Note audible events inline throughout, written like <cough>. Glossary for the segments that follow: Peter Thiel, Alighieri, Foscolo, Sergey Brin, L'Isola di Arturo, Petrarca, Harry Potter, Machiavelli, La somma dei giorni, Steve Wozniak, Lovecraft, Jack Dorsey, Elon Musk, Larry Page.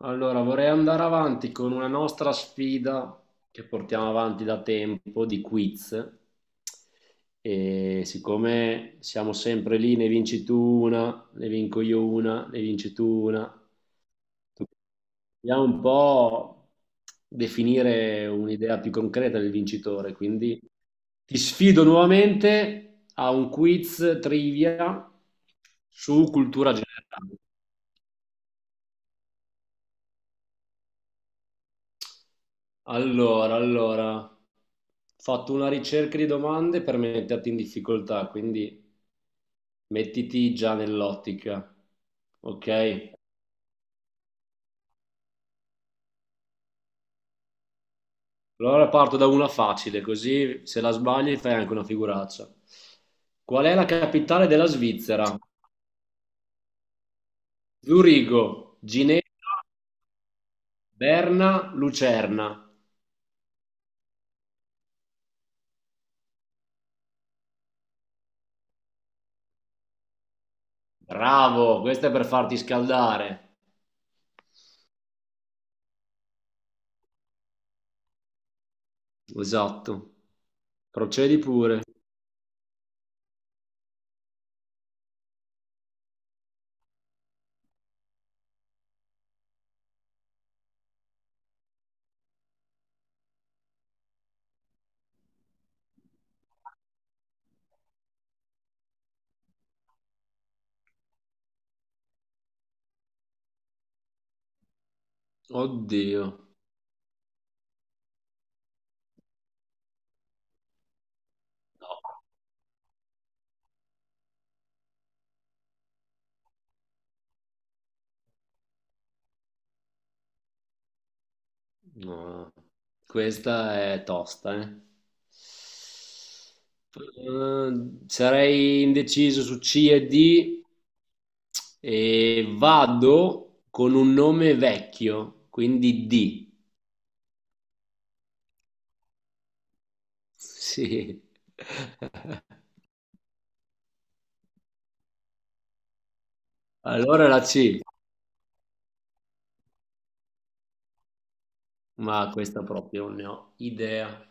Allora, vorrei andare avanti con una nostra sfida che portiamo avanti da tempo di quiz. E siccome siamo sempre lì, ne vinci tu una, ne vinco io una, ne vinci tu una, dobbiamo un po' definire un'idea più concreta del vincitore. Quindi ti sfido nuovamente a un quiz trivia su cultura generale. Allora, ho fatto una ricerca di domande per metterti in difficoltà, quindi mettiti già nell'ottica, ok? Allora parto da una facile, così se la sbagli fai anche una figuraccia. Qual è la capitale della Svizzera? Zurigo, Ginevra, Berna, Lucerna. Bravo, questa è per farti scaldare. Esatto. Procedi pure. Oddio. No. No, questa è tosta, eh. Sarei indeciso su C e D e vado con un nome vecchio, quindi D. <laughs> Sì. Allora la C, ma questa proprio non ne ho idea.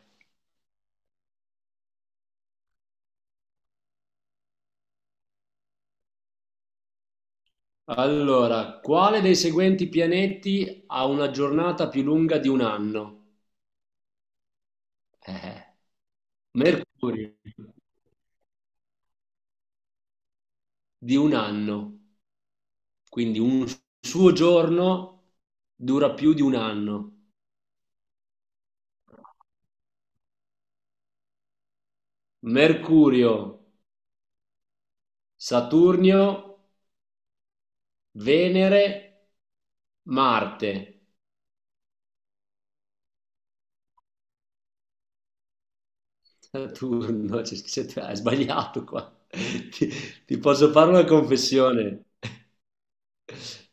Allora, quale dei seguenti pianeti ha una giornata più lunga di un anno? Eh, Mercurio. Di un anno, quindi un suo giorno dura più di un anno. Mercurio, Saturnio, Venere, Marte. Saturno, <laughs> c'è scritto- hai sbagliato qua. Ti, ti posso fare una confessione.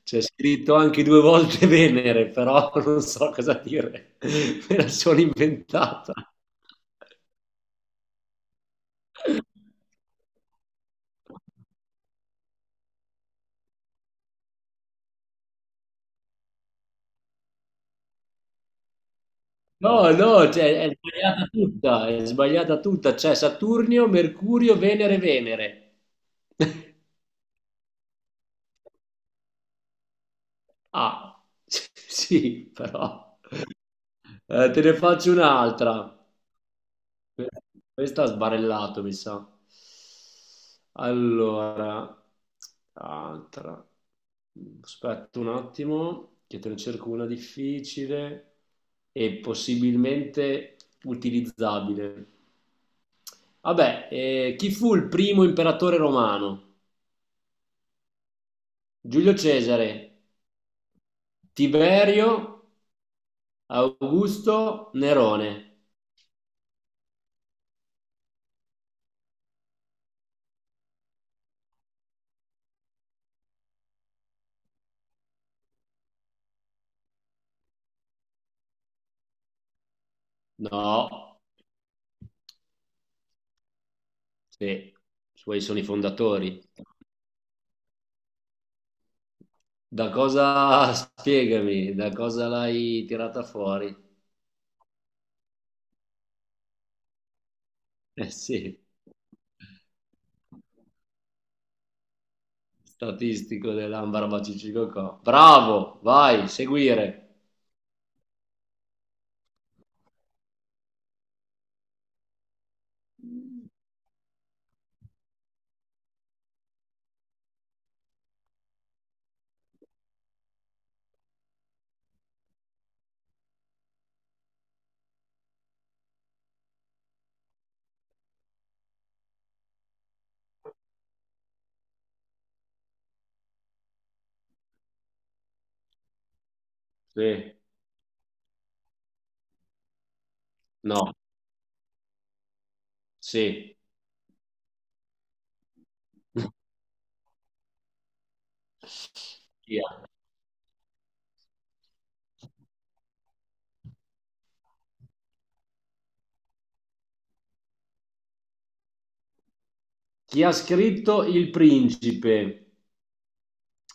C'è scritto anche due volte <laughs> Venere, però non so cosa dire. Me la sono inventata. No, no, cioè, è sbagliata tutta, c'è Saturnio, Mercurio, Venere, Venere. Ah, <laughs> sì, però. Te ne faccio un'altra. Questa ha sbarellato, mi sa. Allora, altra. Aspetta un attimo, che te ne cerco una difficile e possibilmente utilizzabile. Vabbè, chi fu il primo imperatore romano? Giulio Cesare, Tiberio, Augusto, Nerone. No, sì, suoi sono i fondatori. Da cosa, <laughs> spiegami, da cosa l'hai tirata fuori? <laughs> Eh sì, statistico dell'Ambra Bacicicocò. Bravo, vai, seguire. Sì, no, sì. <laughs> Chi ha scritto Il Principe?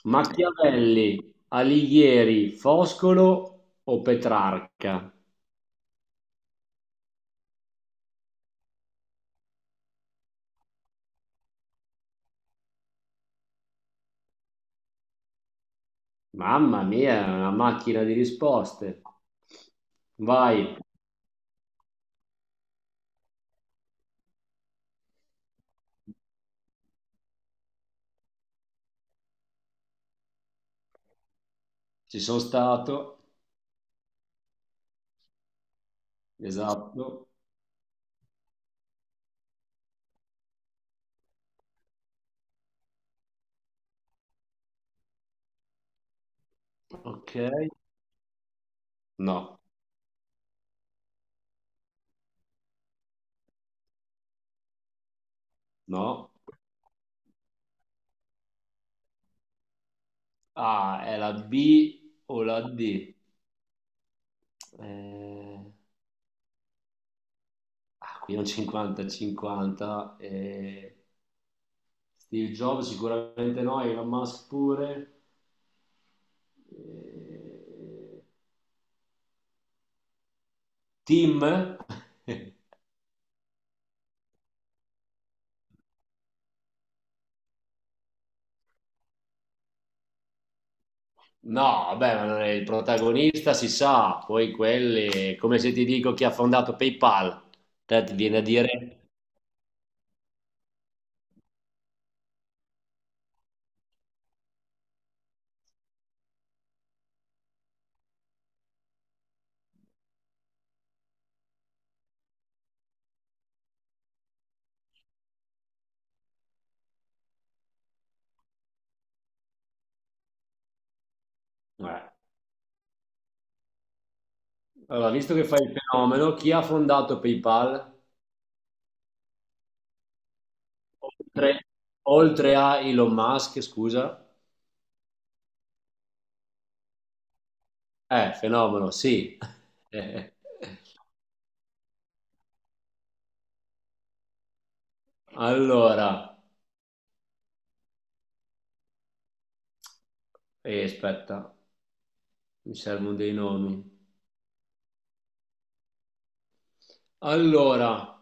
Machiavelli, Alighieri, Foscolo o Petrarca? Mamma mia, è una macchina di risposte. Vai, ci sono stato, esatto, ok. No, no. Ah, è la B o la D? Eh, qui è un 50-50. Steve Jobs sicuramente no, Elon Musk pure. Eh, Tim? <laughs> No, vabbè, ma non è il protagonista, si sa, poi quelli, come se ti dico chi ha fondato PayPal, te ti viene a dire. Eh. Allora, visto che fai il fenomeno, chi ha fondato PayPal, oltre, oltre a Elon Musk, scusa? Fenomeno, sì. <laughs> Eh, Allora, aspetta, mi servono dei nomi. Allora,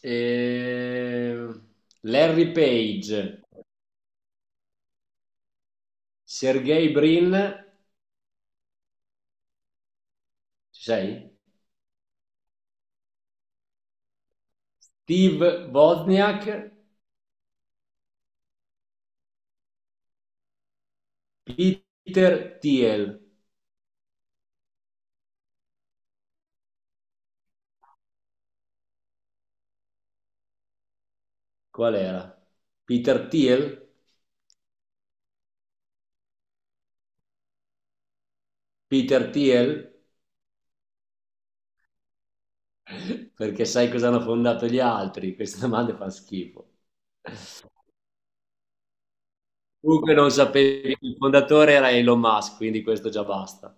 eh, Larry Page, Sergey Brin, ci sei? Steve Wozniak, Peter Thiel. Qual era? Peter Thiel? Peter Thiel? <laughs> Perché sai cosa hanno fondato gli altri? Queste domande fanno schifo. Comunque non sapevi, che il fondatore era Elon Musk, quindi questo già basta.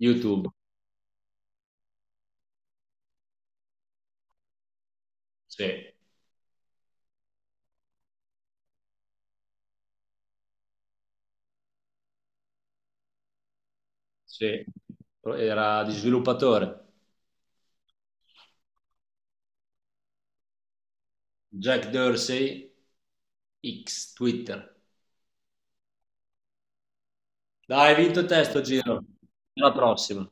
YouTube, sì, sì. Era di sviluppatore. Jack Dorsey, X, Twitter. Dai, hai vinto te sto giro. Alla prossima.